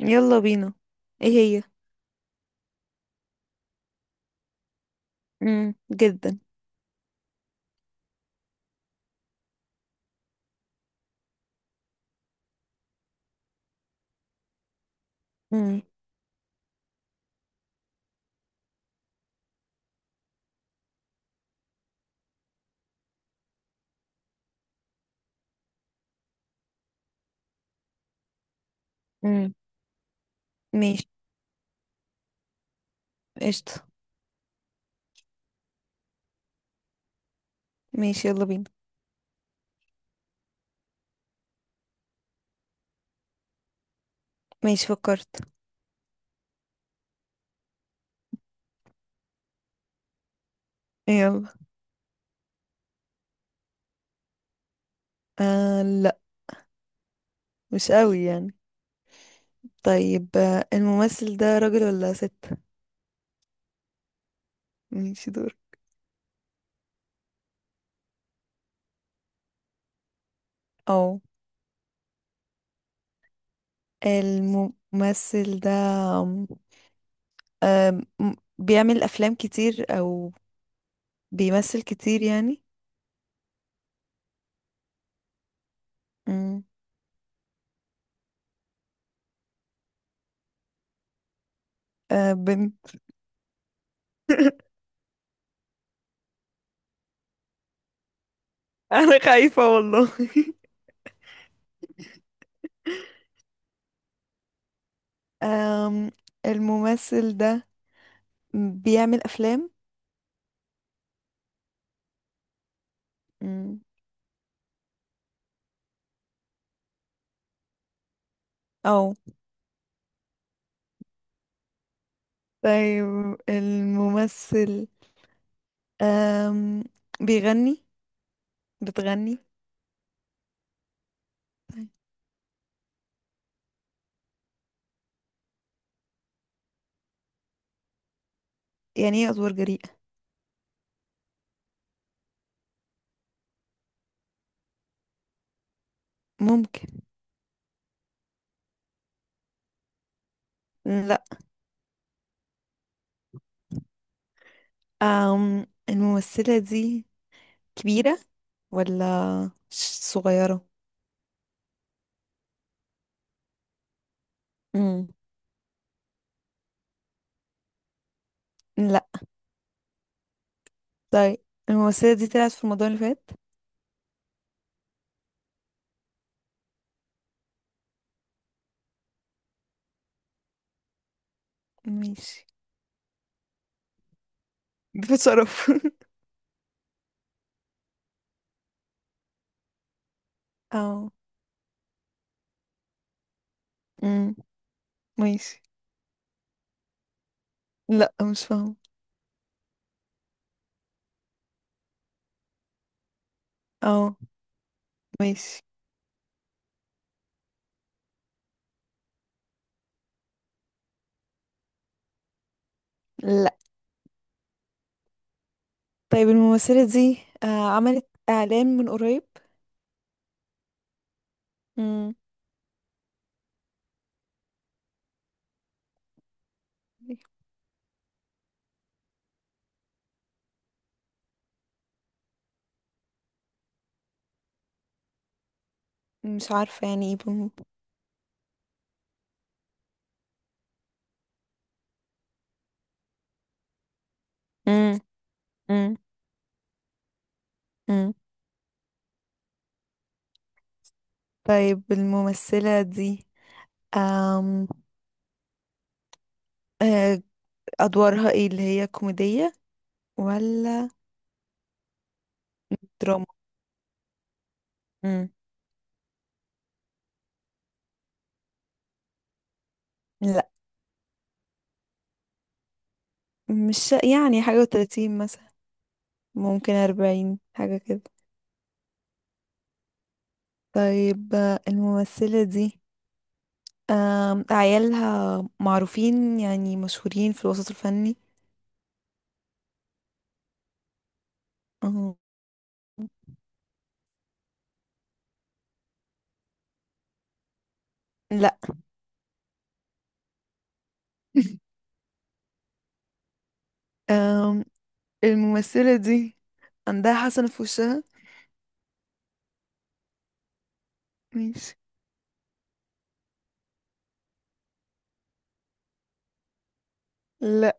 يلا بينا. ايه هي؟ جدا. امم. امم. ماشي. قشطة. ماشي يلا بينا. ماشي فكرت. يلا. آه، لا. مش قوي يعني. طيب، الممثل ده راجل ولا ست؟ ماشي دور. او. الممثل ده آم، بيعمل افلام كتير او بيمثل كتير يعني. امم. آه، بنت. انا خايفة والله. آم، الممثل ده بيعمل افلام. اه. طيب الممثل أم... بيغني؟ بتغني؟ طيب. يعني ايه أدوار جريئة؟ ممكن. لا. الممثلة دي كبيرة ولا صغيرة؟ مم. لا. طيب الممثلة دي طلعت في رمضان اللي فات؟ ماشي. بشرف. اه. امم. ماشي. لا، مش فاهمة. اه. ماشي. لا. طيب الممثلة دي عملت إعلان من قريب؟ مم. مش عارفة يعني ايه. مم. مم. مم. طيب الممثلة دي أم... آه، أدوارها ايه اللي هي كوميدية ولا دراما؟ مم. لا، مش يعني حاجة و30 مثلا. ممكن 40 حاجة كده. طيب، الممثلة دي عيالها معروفين يعني مشهورين في الوسط الفني؟ أم... لا. أم... الممثلة دي عندها حسنة في وشها؟ ماشي. لا.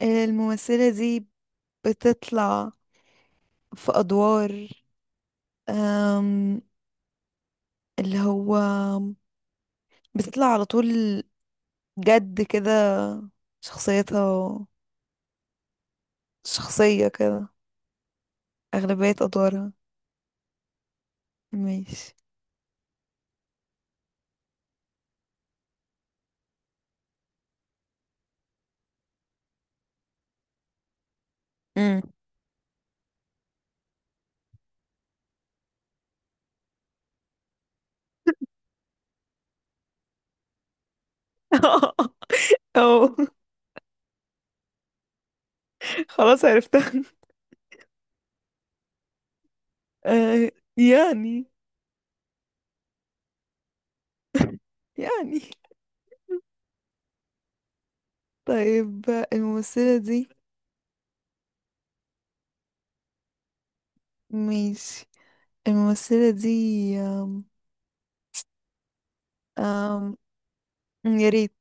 الممثلة دي بتطلع في أدوار، أم، اللي هو بتطلع على طول جد كده، شخصيتها شخصية كده أغلبية أدوارها. ماشي. مم. أو. خلاص عرفتها. أه، يعني، يعني. طيب الممثلة دي. ماشي. الممثلة دي. أم أم يا ريت.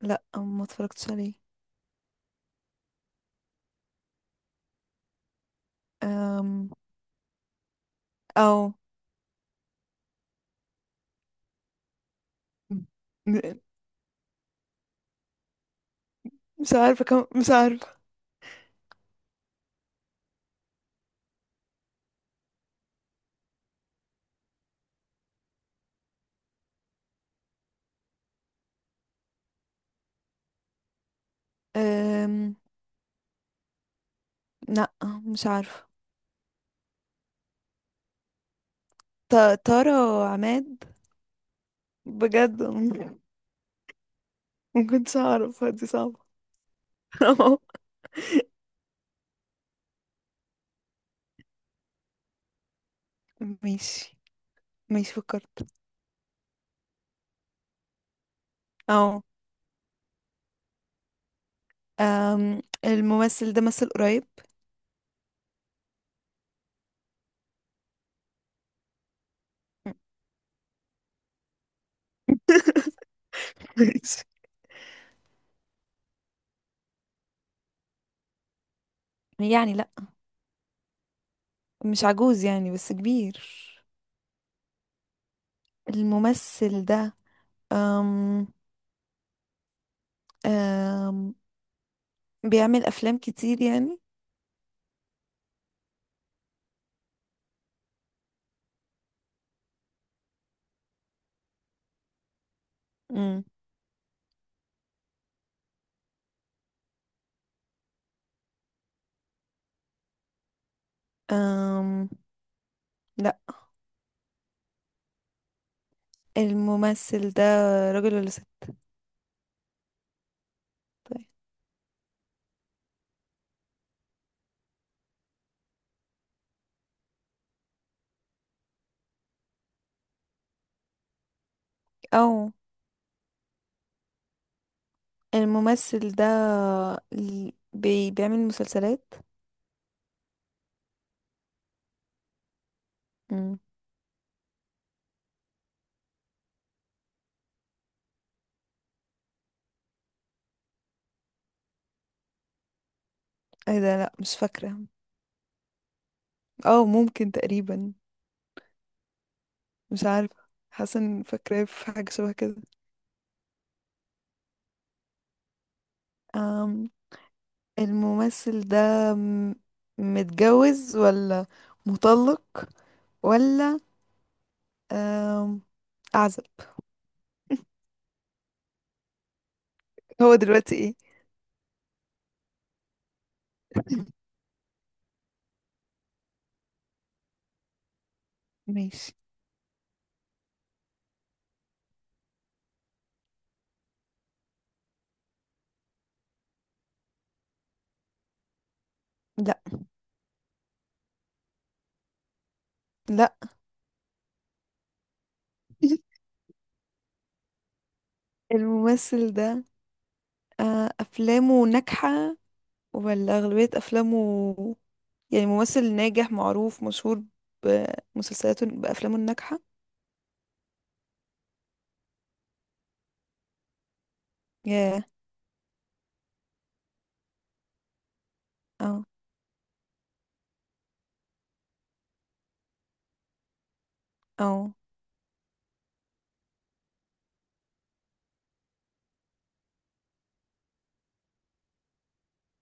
لا، ما اتفرجتش عليه. أم... أو. م- مش عارفة كم مش عارفة. أم... لأ، مش عارفة. ط... طارة عماد. بجد، ما كنتش أعرفها، دي صعبة. أهو. ماشي. ماشي فكرت. أو. الممثل ده مثل قريب؟ ماشي. يعني لأ. مش عجوز يعني، بس كبير. الممثل ده أم... أم... بيعمل أفلام كتير يعني؟ أم... أم... لأ. الممثل ده راجل ولا ست؟ او. الممثل ده ال- بي بيعمل مسلسلات؟ مم. ايه ده، لا مش فاكرة. او ممكن تقريبا. مش عارفة. حاسة ان فاكرة في حاجة شبه كده. أم الممثل ده م- متجوز ولا مطلق ولا أم أعزب؟ هو دلوقتي ايه؟ ماشي. لا. لا. الممثل ده أفلامه ناجحة ولا أغلبية أفلامه؟ يعني ممثل ناجح معروف مشهور بمسلسلاته بأفلامه الناجحة. ياه. اه. اه.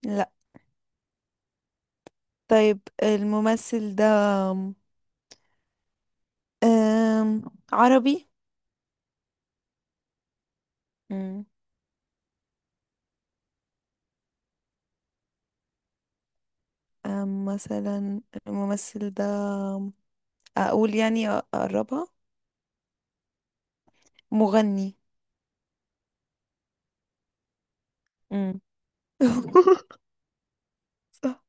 لا. طيب، الممثل ده أم عربي؟ مم. مثلا الممثل ده أقول يعني أقربها. مغني. مم. صح.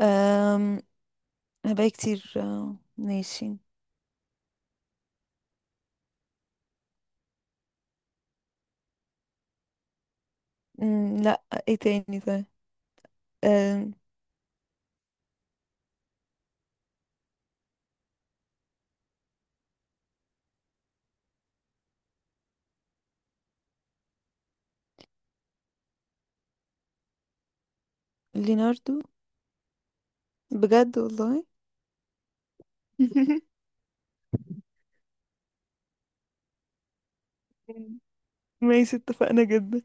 أم هبقى كتير، ماشي. مم، لا ايه تاني؟ طيب. أم ليناردو. بجد والله. ماشي اتفقنا جدا.